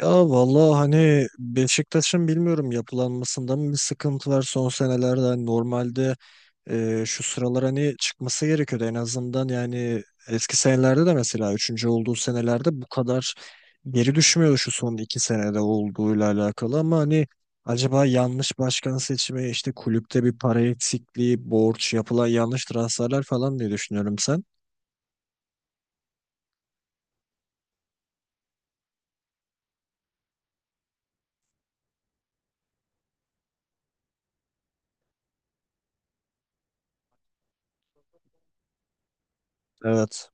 Ya vallahi, hani Beşiktaş'ın bilmiyorum yapılanmasında mı bir sıkıntı var son senelerde. Hani normalde şu sıralar hani çıkması gerekiyordu en azından. Yani eski senelerde de mesela üçüncü olduğu senelerde bu kadar geri düşmüyordu, şu son 2 senede olduğuyla alakalı. Ama hani acaba yanlış başkan seçimi, işte kulüpte bir para eksikliği, borç, yapılan yanlış transferler falan diye düşünüyorum sen. Evet.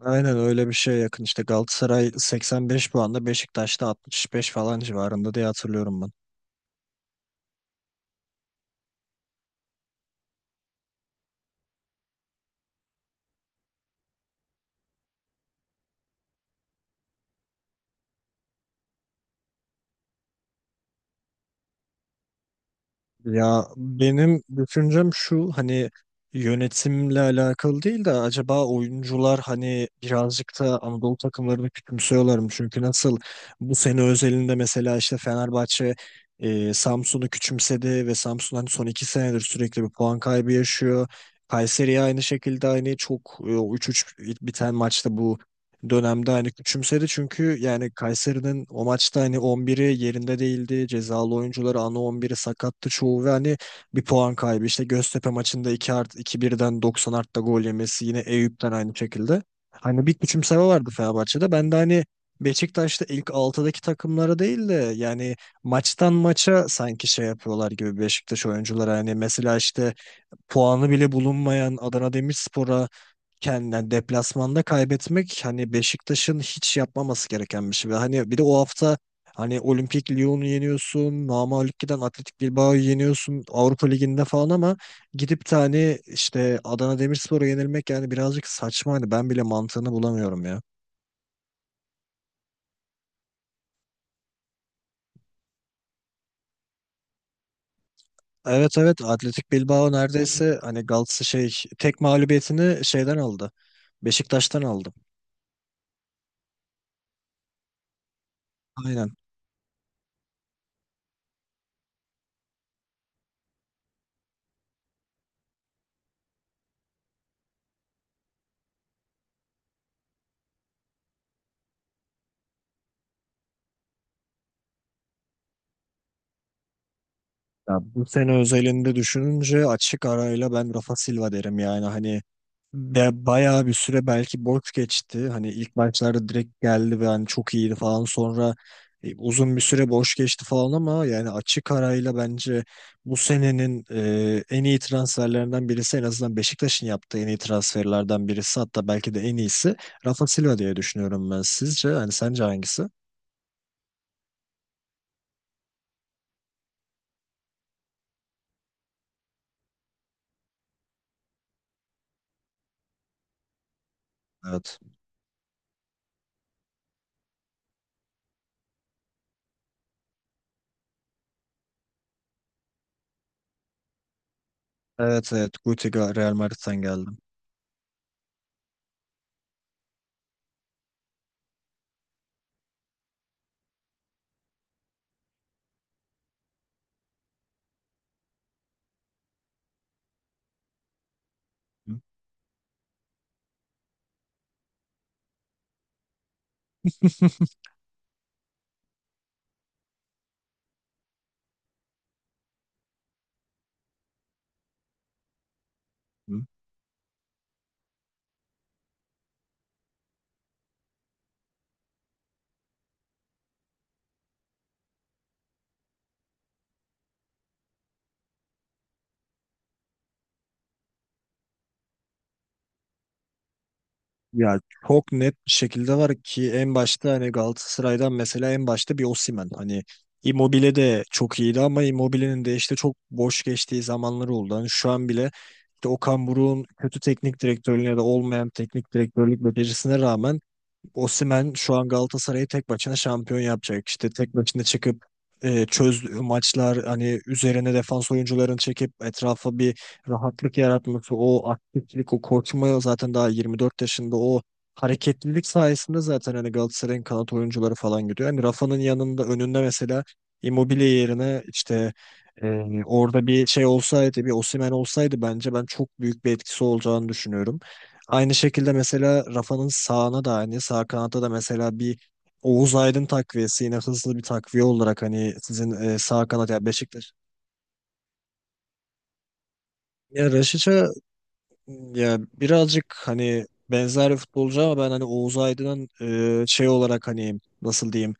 Aynen öyle, bir şeye yakın. İşte Galatasaray 85 puanda, Beşiktaş'ta 65 falan civarında diye hatırlıyorum ben. Ya benim düşüncem şu, hani yönetimle alakalı değil de acaba oyuncular hani birazcık da Anadolu takımlarını küçümsüyorlar mı? Çünkü nasıl, bu sene özelinde mesela işte Fenerbahçe Samsun'u küçümsedi ve Samsun hani son 2 senedir sürekli bir puan kaybı yaşıyor. Kayseri aynı şekilde, aynı çok, 3-3 biten maçta bu dönemde hani küçümsedi, çünkü yani Kayseri'nin o maçta hani 11'i yerinde değildi. Cezalı oyuncuları, ana 11'i sakattı çoğu, ve hani bir puan kaybı. İşte Göztepe maçında 2 art 2-1'den 90 artta gol yemesi, yine Eyüp'ten aynı şekilde. Hani bir küçümseme vardı Fenerbahçe'de. Ben de hani Beşiktaş'ta ilk 6'daki takımlara değil de, yani maçtan maça sanki şey yapıyorlar gibi Beşiktaş oyuncuları. Hani mesela işte puanı bile bulunmayan Adana Demirspor'a kendinden deplasmanda kaybetmek, hani Beşiktaş'ın hiç yapmaması gereken bir şey. Ve hani bir de o hafta hani Olimpik Lyon'u yeniyorsun, namağlup giden Atletik Bilbao'yu yeniyorsun Avrupa Ligi'nde falan, ama gidip de hani işte Adana Demirspor'a yenilmek yani birazcık saçma, hani ben bile mantığını bulamıyorum ya. Evet, evet, Atletik Bilbao neredeyse hani Galatasaray şey tek mağlubiyetini şeyden aldı. Beşiktaş'tan aldı. Aynen. Ya bu sene özelinde düşününce açık arayla ben Rafa Silva derim, yani hani ve bayağı bir süre belki boş geçti. Hani ilk maçlarda direkt geldi ve hani çok iyiydi falan. Sonra uzun bir süre boş geçti falan, ama yani açık arayla bence bu senenin en iyi transferlerinden birisi, en azından Beşiktaş'ın yaptığı en iyi transferlerden birisi, hatta belki de en iyisi Rafa Silva diye düşünüyorum ben. Sizce hani sence hangisi? Evet. Evet, evet, Guti Real Madrid'den geldim. Ya çok net bir şekilde var ki en başta hani Galatasaray'dan mesela, en başta bir Osimhen. Hani Immobile de çok iyiydi ama Immobile'nin de işte çok boş geçtiği zamanları oldu. Hani şu an bile işte Okan Buruk'un kötü teknik direktörlüğüne de, olmayan teknik direktörlük becerisine rağmen Osimhen şu an Galatasaray'ı tek başına şampiyon yapacak. İşte tek başına çıkıp çöz maçlar, hani üzerine defans oyuncularını çekip etrafa bir rahatlık yaratması, o aktiflik, o koşma, zaten daha 24 yaşında, o hareketlilik sayesinde zaten hani Galatasaray'ın kanat oyuncuları falan gidiyor. Hani Rafa'nın yanında, önünde mesela Immobile yerine işte e, orada bir şey olsaydı, bir Osimhen olsaydı bence ben çok büyük bir etkisi olacağını düşünüyorum. Aynı şekilde mesela Rafa'nın sağına da aynı. Sağ kanatta da mesela bir Oğuz Aydın takviyesi, yine hızlı bir takviye olarak hani sizin sağ kanat ya Beşiktaş. Ya Raşiç'e, ya birazcık hani benzer bir futbolcu, ama ben hani Oğuz Aydın'ın şey olarak hani nasıl diyeyim,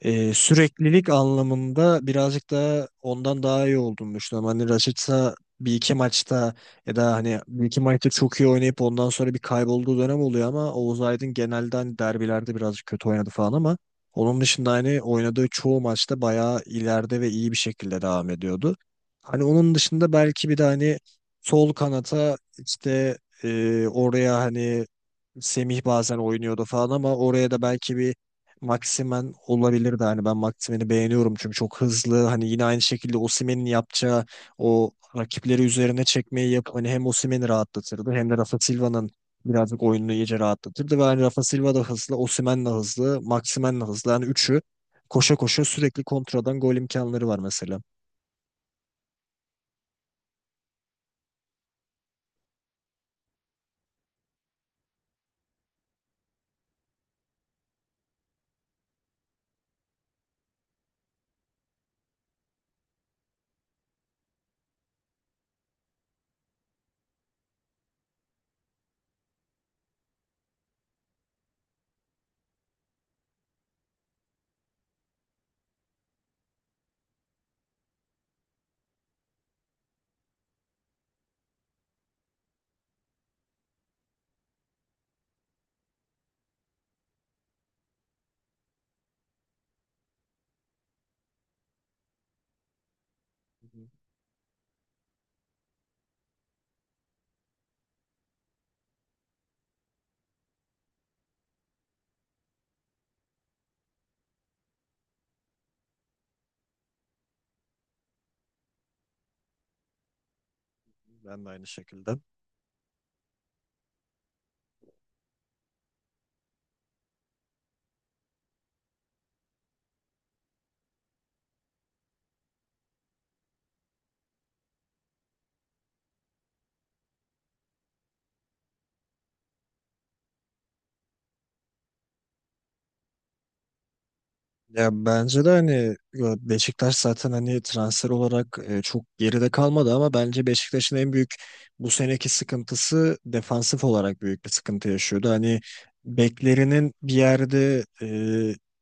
Süreklilik anlamında birazcık daha ondan daha iyi olduğunu düşünüyorum. Hani Rashica bir iki maçta, ya da hani bir iki maçta çok iyi oynayıp ondan sonra bir kaybolduğu dönem oluyor, ama Oğuz Aydın genelde hani derbilerde birazcık kötü oynadı falan, ama onun dışında hani oynadığı çoğu maçta bayağı ileride ve iyi bir şekilde devam ediyordu. Hani onun dışında belki bir de hani sol kanata işte oraya hani Semih bazen oynuyordu falan, ama oraya da belki bir Maximen olabilirdi. Hani ben Maximen'i beğeniyorum, çünkü çok hızlı. Hani yine aynı şekilde Osimhen'in yapacağı o rakipleri üzerine çekmeyi yapıp hani hem Osimhen'i rahatlatırdı, hem de Rafa Silva'nın birazcık oyununu iyice rahatlatırdı. Ve hani Rafa Silva da hızlı, Osimhen de hızlı, Maximen de hızlı. Yani üçü koşa koşa sürekli kontradan gol imkanları var mesela. Hı hı. Ben de aynı şekilde. Ya bence de hani, ya Beşiktaş zaten hani transfer olarak çok geride kalmadı, ama bence Beşiktaş'ın en büyük bu seneki sıkıntısı defansif olarak büyük bir sıkıntı yaşıyordu. Hani beklerinin bir yerde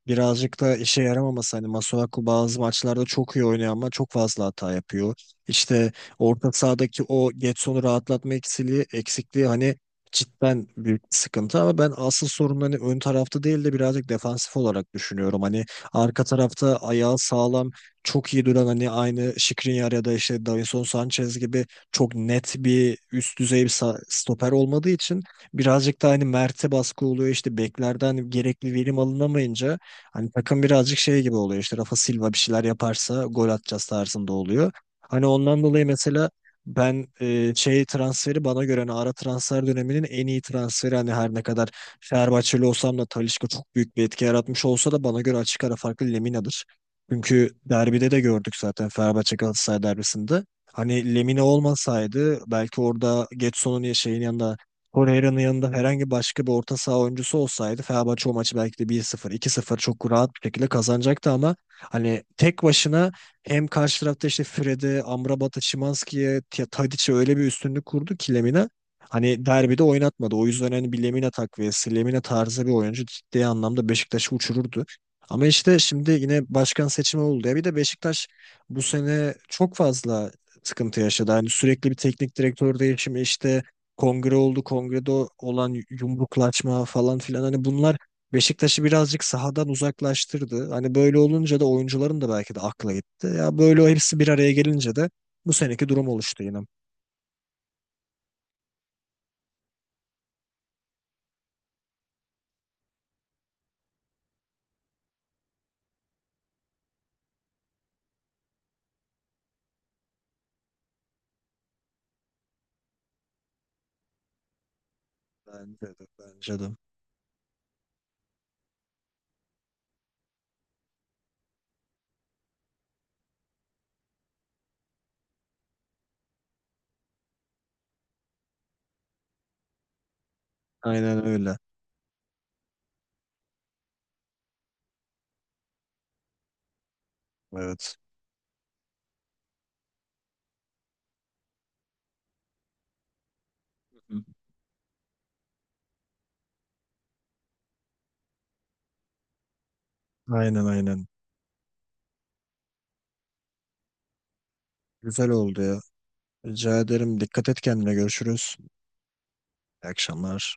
birazcık da işe yaramaması, hani Masuaku bazı maçlarda çok iyi oynuyor ama çok fazla hata yapıyor. İşte orta sahadaki o Getson'u rahatlatma eksikliği hani cidden büyük bir sıkıntı, ama ben asıl sorun hani ön tarafta değil de birazcık defansif olarak düşünüyorum. Hani arka tarafta ayağı sağlam, çok iyi duran, hani aynı Skriniar ya da işte Davinson Sanchez gibi çok net bir üst düzey bir stoper olmadığı için birazcık da hani Mert'e baskı oluyor. İşte beklerden gerekli verim alınamayınca hani takım birazcık şey gibi oluyor. İşte Rafa Silva bir şeyler yaparsa gol atacağız tarzında oluyor. Hani ondan dolayı mesela ben şey transferi, bana göre hani ara transfer döneminin en iyi transferi, hani her ne kadar Fenerbahçeli olsam da Talisca çok büyük bir etki yaratmış olsa da, bana göre açık ara farklı Lemina'dır. Çünkü derbide de gördük zaten, Fenerbahçe Galatasaray derbisinde. Hani Lemina olmasaydı belki orada Getson'un ya şeyin yanında, Torreira'nın yanında herhangi başka bir orta saha oyuncusu olsaydı, Fenerbahçe o maçı belki de 1-0, 2-0 çok rahat bir şekilde kazanacaktı, ama hani tek başına hem karşı tarafta işte Fred'e, Amrabat'a, Szymański'ye, Tadic'e öyle bir üstünlük kurdu ki Lemina, hani derbide oynatmadı. O yüzden hani bir Lemina takviyesi, Lemina tarzı bir oyuncu ciddi anlamda Beşiktaş'ı uçururdu. Ama işte şimdi yine başkan seçimi oldu ya. Bir de Beşiktaş bu sene çok fazla sıkıntı yaşadı. Hani sürekli bir teknik direktör değişimi, işte kongre oldu. Kongrede olan yumruklaşma falan filan, hani bunlar Beşiktaş'ı birazcık sahadan uzaklaştırdı. Hani böyle olunca da oyuncuların da belki de akla gitti. Ya böyle, o hepsi bir araya gelince de bu seneki durum oluştu yine. Bence de, bence de. Aynen öyle. Evet. Hı hı. Aynen, aynen. Güzel oldu ya. Rica ederim. Dikkat et kendine. Görüşürüz. İyi akşamlar.